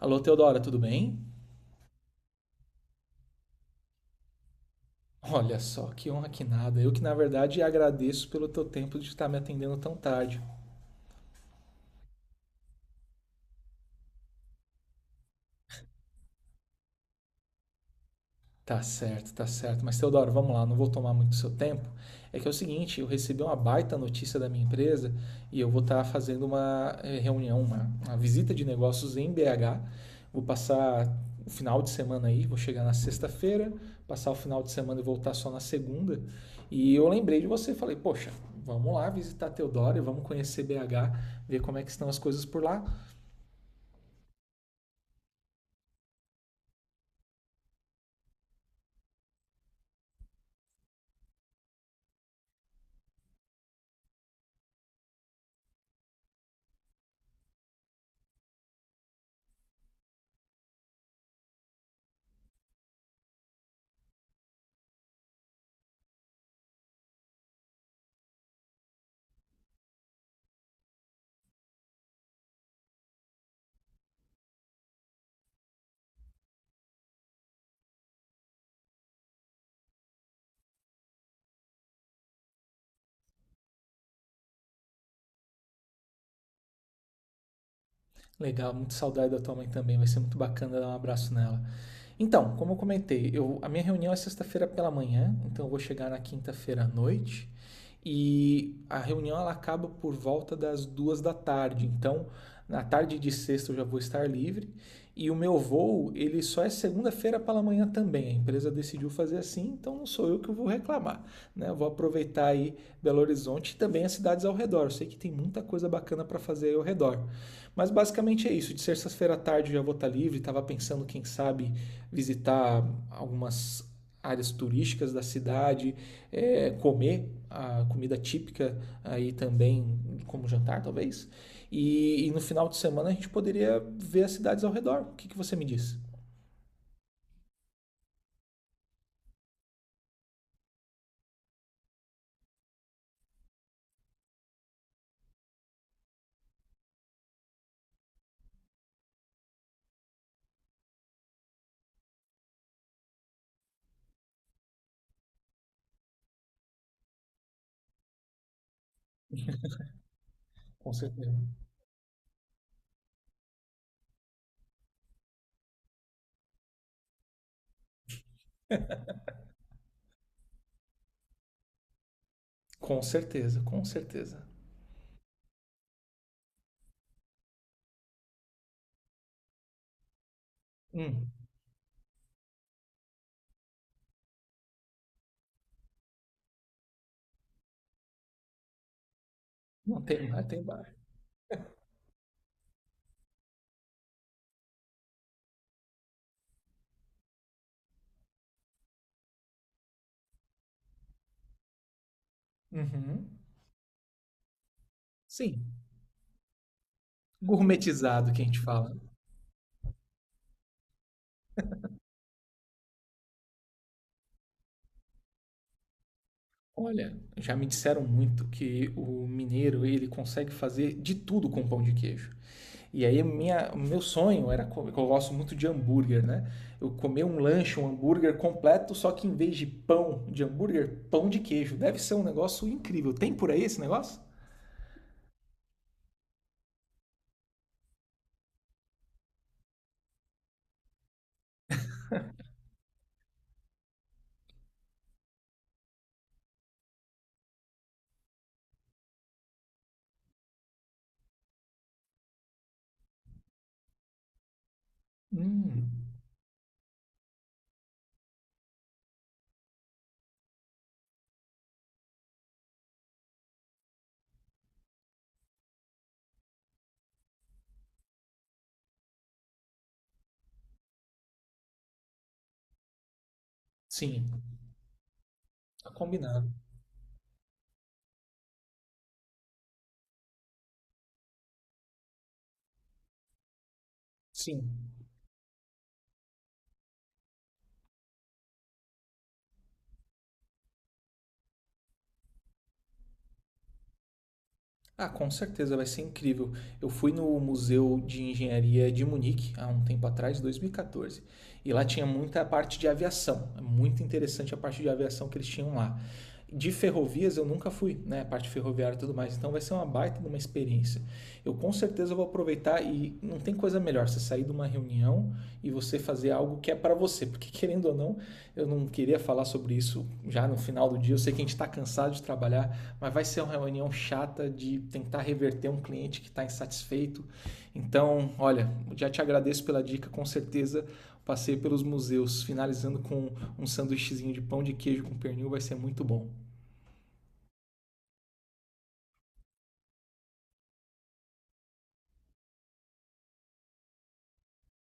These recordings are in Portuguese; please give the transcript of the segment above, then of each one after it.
Alô, Teodora, tudo bem? Olha só, que honra que nada. Eu que, na verdade, agradeço pelo teu tempo de estar me atendendo tão tarde. Tá certo, tá certo. Mas Teodoro, vamos lá, não vou tomar muito seu tempo. É que é o seguinte, eu recebi uma baita notícia da minha empresa e eu vou estar fazendo uma reunião, uma visita de negócios em BH. Vou passar o final de semana aí, vou chegar na sexta-feira, passar o final de semana e voltar só na segunda. E eu lembrei de você, falei, poxa, vamos lá visitar Teodoro, vamos conhecer BH, ver como é que estão as coisas por lá. Legal, muito saudade da tua mãe também, vai ser muito bacana dar um abraço nela. Então, como eu comentei, eu, a minha reunião é sexta-feira pela manhã, então eu vou chegar na quinta-feira à noite. E a reunião ela acaba por volta das duas da tarde. Então, na tarde de sexta eu já vou estar livre. E o meu voo, ele só é segunda-feira pela manhã também. A empresa decidiu fazer assim, então não sou eu que vou reclamar. Né? Eu vou aproveitar aí Belo Horizonte e também as cidades ao redor. Eu sei que tem muita coisa bacana para fazer aí ao redor. Mas basicamente é isso. De sexta-feira à tarde eu já vou estar livre. Estava pensando, quem sabe, visitar algumas áreas turísticas da cidade, comer a comida típica aí também como jantar, talvez. E no final de semana a gente poderia ver as cidades ao redor. O que você me diz? Com certeza. Com certeza, com certeza. Hum, não tem mar, tem bar. Uhum. Sim, gourmetizado que a gente fala. Olha, já me disseram muito que o mineiro ele consegue fazer de tudo com pão de queijo. E aí minha, meu sonho era comer, eu gosto muito de hambúrguer, né? Eu comer um lanche, um hambúrguer completo, só que em vez de pão de hambúrguer, pão de queijo. Deve ser um negócio incrível. Tem por aí esse negócio? Hum, sim, tá combinado. Sim. Ah, com certeza vai ser incrível. Eu fui no Museu de Engenharia de Munique há um tempo atrás, 2014, e quatorze, e lá tinha muita parte de aviação. É muito interessante a parte de aviação que eles tinham lá. De ferrovias eu nunca fui, né? A parte ferroviária e tudo mais. Então vai ser uma baita de uma experiência. Eu com certeza vou aproveitar e não tem coisa melhor você sair de uma reunião e você fazer algo que é para você, porque querendo ou não, eu não queria falar sobre isso já no final do dia. Eu sei que a gente está cansado de trabalhar, mas vai ser uma reunião chata de tentar reverter um cliente que está insatisfeito. Então, olha, já te agradeço pela dica, com certeza passei pelos museus, finalizando com um sanduíchezinho de pão de queijo com pernil, vai ser muito bom.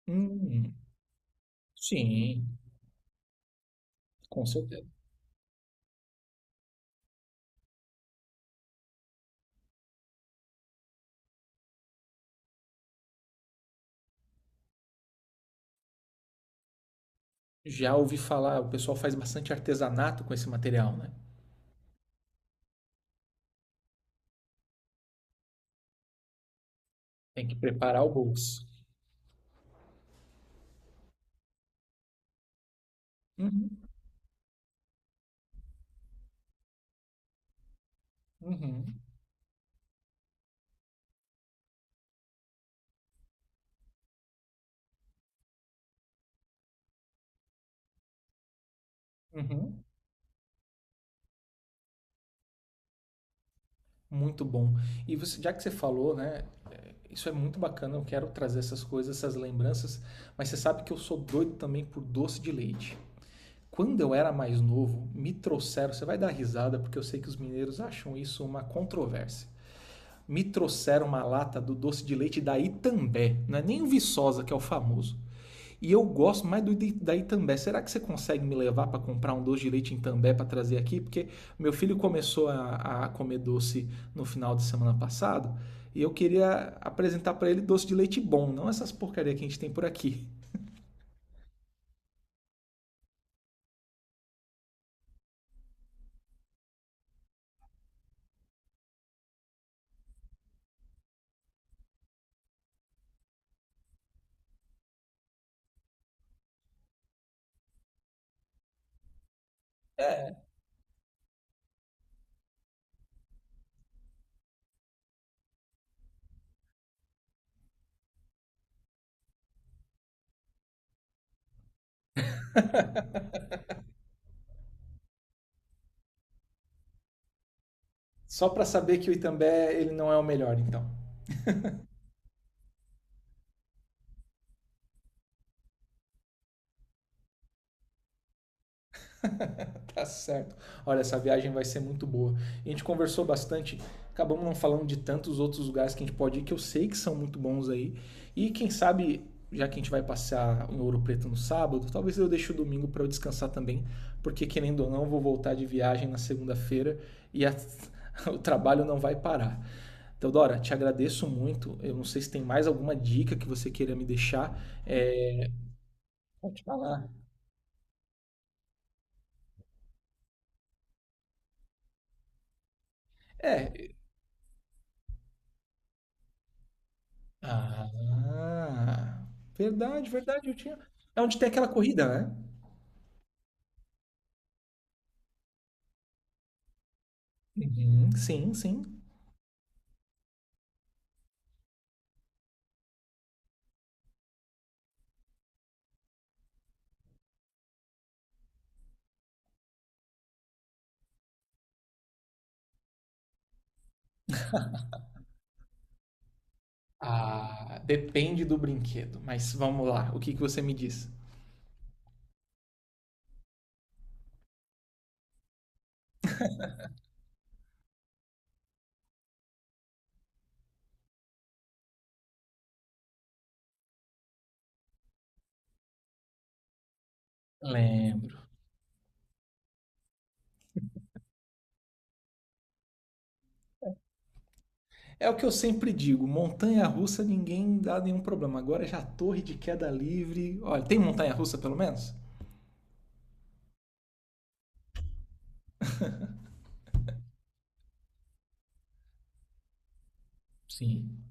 Hum, sim, com certeza. Já ouvi falar, o pessoal faz bastante artesanato com esse material, né? Tem que preparar o bolso. Uhum, uhum, uhum. Muito bom. E você, já que você falou, né? Isso é muito bacana. Eu quero trazer essas coisas, essas lembranças. Mas você sabe que eu sou doido também por doce de leite. Quando eu era mais novo, me trouxeram. Você vai dar risada porque eu sei que os mineiros acham isso uma controvérsia. Me trouxeram uma lata do doce de leite da Itambé. Não é nem o Viçosa, que é o famoso. E eu gosto mais do da Itambé. Será que você consegue me levar para comprar um doce de leite em Itambé para trazer aqui? Porque meu filho começou a comer doce no final de semana passado e eu queria apresentar para ele doce de leite bom, não essas porcaria que a gente tem por aqui. Só para saber que o Itambé ele não é o melhor, então. Tá certo. Olha, essa viagem vai ser muito boa. A gente conversou bastante, acabamos não falando de tantos outros lugares que a gente pode ir, que eu sei que são muito bons aí. E quem sabe, já que a gente vai passear em Ouro Preto no sábado, talvez eu deixe o domingo para eu descansar também, porque querendo ou não, eu vou voltar de viagem na segunda-feira e o trabalho não vai parar. Teodora, te agradeço muito. Eu não sei se tem mais alguma dica que você queira me deixar. É, pode falar. É, ah, verdade, verdade, eu tinha. É onde tem aquela corrida, né? Uhum. Sim, sim. Ah, depende do brinquedo, mas vamos lá, o que que você me diz? Lembro. É o que eu sempre digo, montanha-russa ninguém dá nenhum problema. Agora já torre de queda livre. Olha, tem montanha-russa pelo menos? Sim.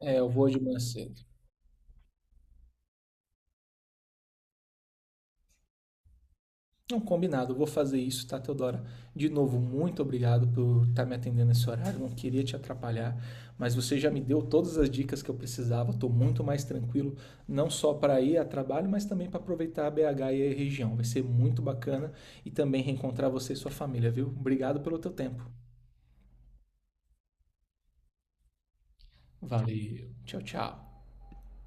É, eu vou de manhã cedo. Não, combinado, eu vou fazer isso, tá, Teodora? De novo, muito obrigado por estar me atendendo nesse horário, não queria te atrapalhar, mas você já me deu todas as dicas que eu precisava, estou muito mais tranquilo, não só para ir a trabalho, mas também para aproveitar a BH e a região. Vai ser muito bacana e também reencontrar você e sua família, viu? Obrigado pelo teu tempo. Valeu, tchau, tchau.